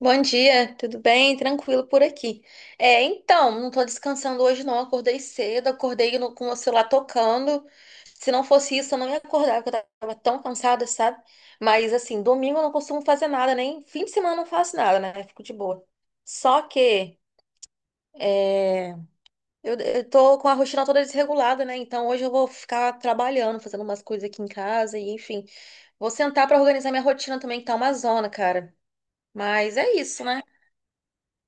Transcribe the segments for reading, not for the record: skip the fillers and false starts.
Bom dia, tudo bem? Tranquilo por aqui. É, então, não tô descansando hoje não, acordei cedo, acordei com o celular tocando. Se não fosse isso, eu não ia acordar, porque eu tava tão cansada, sabe? Mas assim, domingo eu não costumo fazer nada, nem fim de semana eu não faço nada, né? Fico de boa. Só que é, eu tô com a rotina toda desregulada, né? Então hoje eu vou ficar trabalhando, fazendo umas coisas aqui em casa e enfim. Vou sentar pra organizar minha rotina também, que tá uma zona, cara. Mas é isso, né?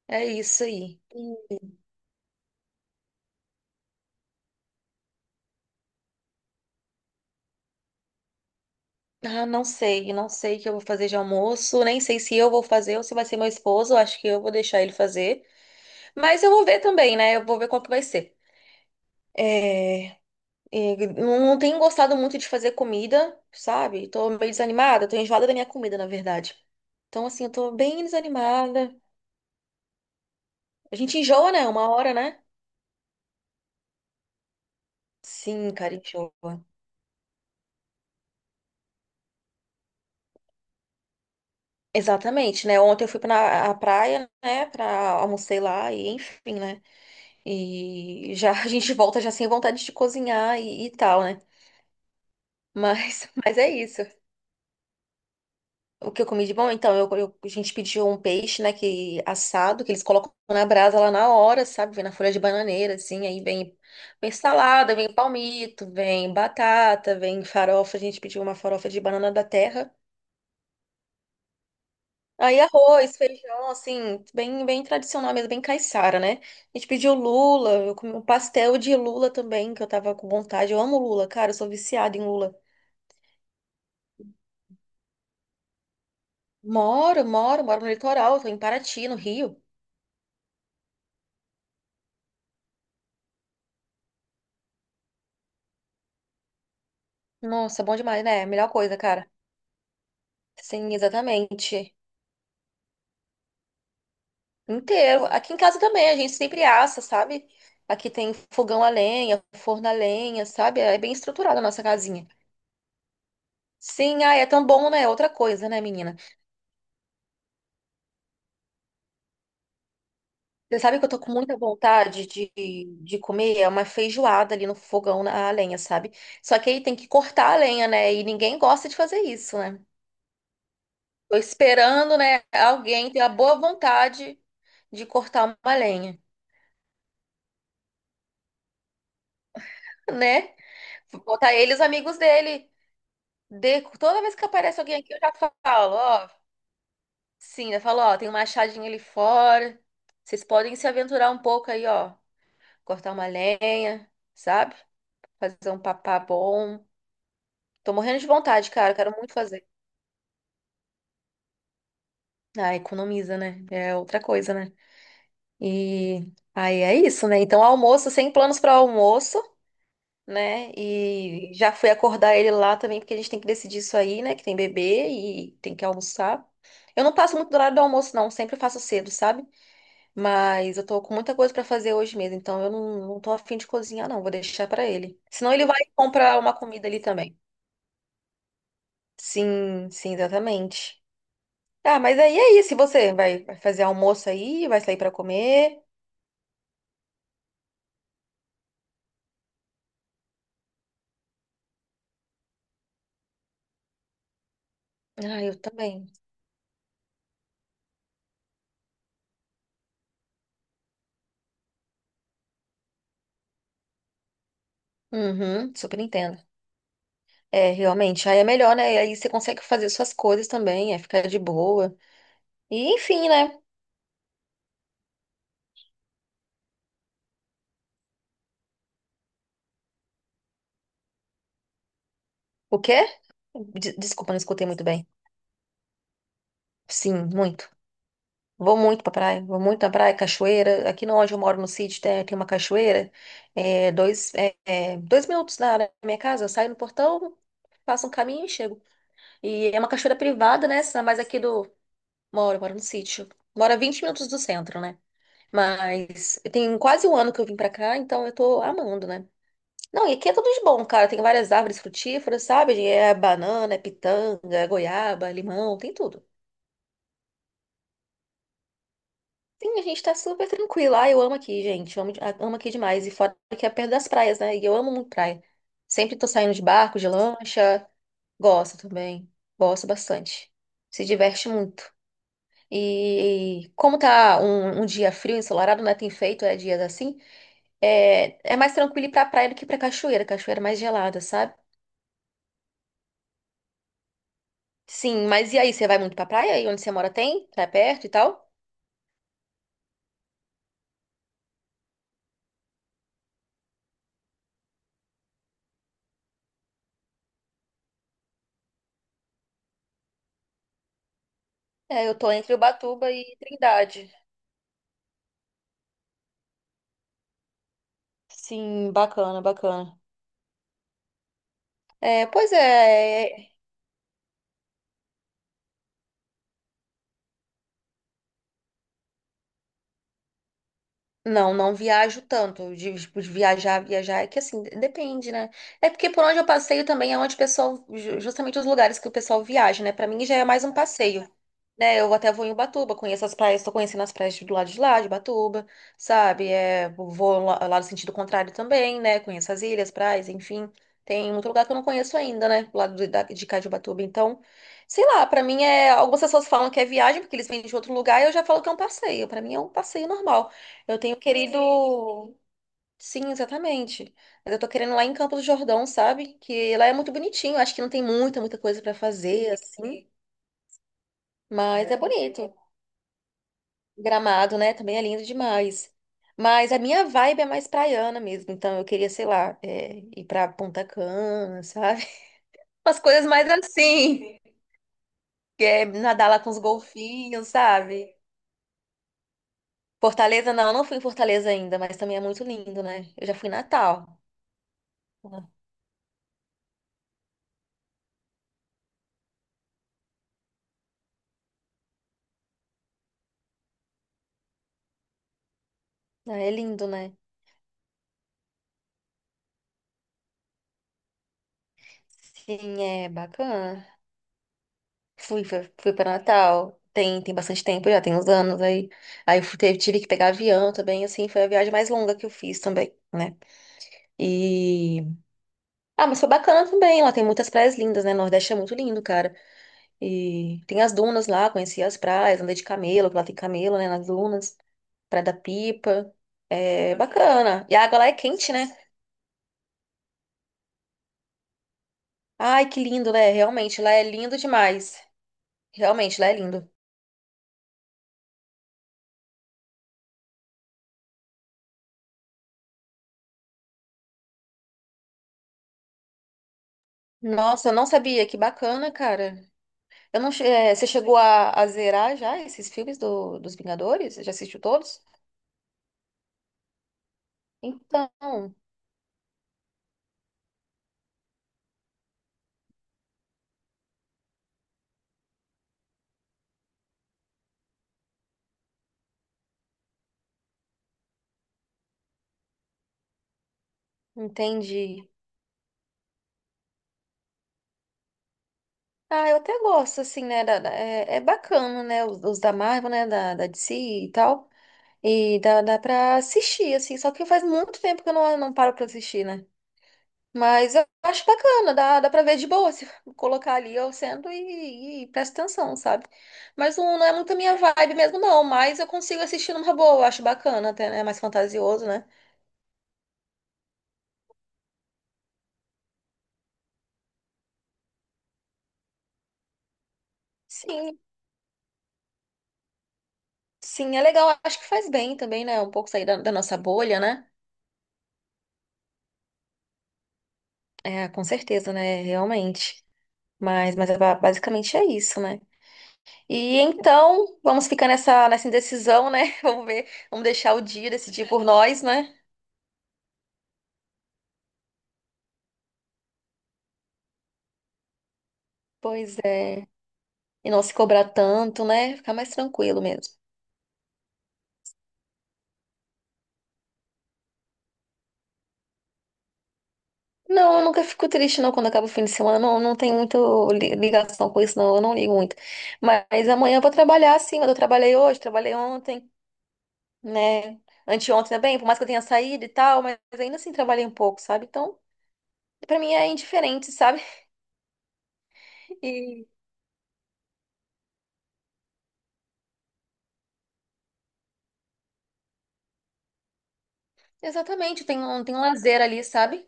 É isso aí. Ah, não sei, não sei o que eu vou fazer de almoço, nem sei se eu vou fazer ou se vai ser meu esposo, acho que eu vou deixar ele fazer. Mas eu vou ver também, né? Eu vou ver qual que vai ser. É, e não não tenho gostado muito de fazer comida, sabe? Tô meio desanimada, tô enjoada da minha comida, na verdade. Então, assim, eu tô bem desanimada. A gente enjoa, né? Uma hora, né? Sim, cara, enjoa. Exatamente, né? Ontem eu fui pra a praia, né? Pra almocei lá e enfim, né? E já a gente volta já sem vontade de cozinhar e tal, né? Mas, mas é isso. O que eu comi de bom, então, a gente pediu um peixe, né, que assado, que eles colocam na brasa lá na hora, sabe? Vem na folha de bananeira, assim, aí vem, vem salada, vem palmito, vem batata, vem farofa. A gente pediu uma farofa de banana da terra. Aí arroz, feijão, assim, bem, bem tradicional mesmo, bem caiçara, né? A gente pediu lula, eu comi um pastel de lula também, que eu tava com vontade. Eu amo lula, cara, eu sou viciada em lula. Moro, moro, moro no litoral, tô em Paraty, no Rio. Nossa, bom demais, né? Melhor coisa, cara. Sim, exatamente. Inteiro. Aqui em casa também, a gente sempre assa, sabe? Aqui tem fogão a lenha, forno a lenha, sabe? É bem estruturada a nossa casinha. Sim, ah, é tão bom, né? Outra coisa, né, menina? Você sabe que eu tô com muita vontade de comer é uma feijoada ali no fogão na lenha, sabe? Só que aí tem que cortar a lenha, né? E ninguém gosta de fazer isso, né? Tô esperando, né, alguém ter a boa vontade de cortar uma lenha, né? Vou botar ele e os amigos dele. De, toda vez que aparece alguém aqui, eu já falo, ó. Sim, eu falo, ó, tem uma achadinha ali fora. Vocês podem se aventurar um pouco aí, ó. Cortar uma lenha, sabe? Fazer um papá bom. Tô morrendo de vontade, cara. Quero muito fazer. Ah, economiza, né? É outra coisa, né? E aí é isso, né? Então, almoço, sem planos para almoço, né? E já fui acordar ele lá também, porque a gente tem que decidir isso aí, né? Que tem bebê e tem que almoçar. Eu não passo muito do horário do almoço, não. Sempre faço cedo, sabe? Mas eu tô com muita coisa para fazer hoje mesmo, então eu não, não tô afim de cozinhar, não. Vou deixar para ele. Senão ele vai comprar uma comida ali também. Sim, sim, exatamente. Tá, mas aí é isso. E você vai, vai fazer almoço aí, vai sair pra comer. Ah, eu também. Uhum, super entendo. É, realmente, aí é melhor, né? Aí você consegue fazer suas coisas também, é ficar de boa. E enfim, né? O quê? Desculpa, não escutei muito bem. Sim, muito. Vou muito pra praia, vou muito na praia, cachoeira. Aqui no onde eu moro, no sítio, tem uma cachoeira. Dois minutos da minha casa, eu saio no portão, faço um caminho e chego. E é uma cachoeira privada, né? Mas aqui do, moro, moro no sítio. Moro a 20 minutos do centro, né? Mas tem quase um ano que eu vim pra cá, então eu tô amando, né? Não, e aqui é tudo de bom, cara. Tem várias árvores frutíferas, sabe? É banana, é pitanga, é goiaba, limão, tem tudo. Sim, a gente tá super tranquilo. Ah, eu amo aqui, gente. Eu amo, de- ah, amo aqui demais. E fora que é perto das praias, né? E eu amo muito praia. Sempre tô saindo de barco, de lancha. Gosto também. Gosto bastante. Se diverte muito. E como tá um, um dia frio, ensolarado, né? Tem feito, é dias assim. É, é mais tranquilo ir pra praia do que pra cachoeira. Cachoeira é mais gelada, sabe? Sim, mas e aí? Você vai muito pra praia? E onde você mora tem? É perto e tal? É, eu tô entre Ubatuba e Trindade. Sim, bacana, bacana. É, pois é, é, não, não viajo tanto. De, tipo, de viajar, viajar é que assim, depende, né? É porque por onde eu passeio também é onde o pessoal, justamente os lugares que o pessoal viaja, né? Pra mim já é mais um passeio, né? Eu até vou em Ubatuba, conheço as praias, tô conhecendo as praias do lado de lá, de Ubatuba, sabe? É, vou lá, lá no sentido contrário também, né? Conheço as ilhas, praias, enfim. Tem muito lugar que eu não conheço ainda, né? Do lado de, de cá de Ubatuba. Então, sei lá, pra mim é. Algumas pessoas falam que é viagem, porque eles vêm de outro lugar, e eu já falo que é um passeio. Pra mim é um passeio normal. Eu tenho querido. Sim, exatamente. Mas eu tô querendo lá em Campos do Jordão, sabe? Que lá é muito bonitinho. Acho que não tem muita, muita coisa pra fazer, assim. Mas é bonito. Gramado, né? Também é lindo demais. Mas a minha vibe é mais praiana mesmo. Então eu queria, sei lá, é, ir pra Punta Cana, sabe? Umas coisas mais assim. Que é nadar lá com os golfinhos, sabe? Fortaleza, não, eu não fui em Fortaleza ainda, mas também é muito lindo, né? Eu já fui em Natal. Ah, é lindo, né? Sim, é bacana. Fui, fui, fui para Natal. Tem, tem bastante tempo já, tem uns anos aí. Aí eu fui- teve- tive que pegar avião também, assim, foi a viagem mais longa que eu fiz também, né? E. Ah, mas foi bacana também. Lá tem muitas praias lindas, né? Nordeste é muito lindo, cara. E tem as dunas lá, conheci as praias, andei de camelo, que lá tem camelo, né? Nas dunas, Praia da Pipa. É bacana. E a água lá é quente, né? Ai, que lindo, né? Realmente, lá é lindo demais. Realmente, lá é lindo. Nossa, eu não sabia. Que bacana, cara. Eu não, você chegou a zerar já esses filmes do, dos Vingadores? Já assistiu todos? Então, entendi. Ah, eu até gosto, assim, né? É bacana, né? Os da Marvel, né? Da DC e tal. E dá pra assistir, assim. Só que faz muito tempo que eu não paro pra assistir, né? Mas eu acho bacana, dá pra ver de boa se colocar ali eu sendo e presta atenção, sabe? Mas não é muito a minha vibe mesmo, não. Mas eu consigo assistir numa boa, eu acho bacana, até, né? É mais fantasioso, né? Sim, sim, é legal. Acho que faz bem também, né? Um pouco sair da, da nossa bolha, né? É, com certeza, né? Realmente. Mas é basicamente é isso, né? E então, vamos ficar nessa, indecisão, né? Vamos ver, vamos deixar o dia decidir por nós, né? Pois é. E não se cobrar tanto, né? Ficar mais tranquilo mesmo. Não, eu nunca fico triste não quando acaba o fim de semana. Não, não tem muita ligação com isso, não. Eu não ligo muito. Mas amanhã eu vou trabalhar sim, mas eu trabalhei hoje, trabalhei ontem, né? Anteontem também, por mais que eu tenha saído e tal, mas ainda assim trabalhei um pouco, sabe? Então, pra mim é indiferente, sabe? E exatamente, tem um lazer ali, sabe?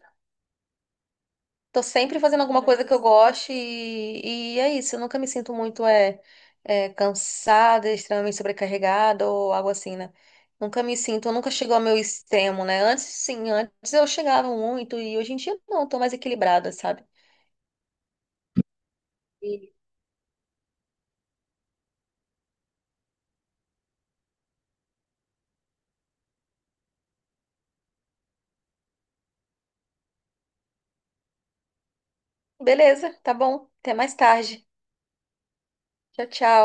Tô sempre fazendo alguma coisa que eu goste e é isso. Eu nunca me sinto muito cansada, extremamente sobrecarregada ou algo assim, né? Nunca me sinto, nunca chegou ao meu extremo, né? Antes, sim, antes eu chegava muito e hoje em dia não, eu tô mais equilibrada, sabe? E beleza, tá bom. Até mais tarde. Tchau, tchau.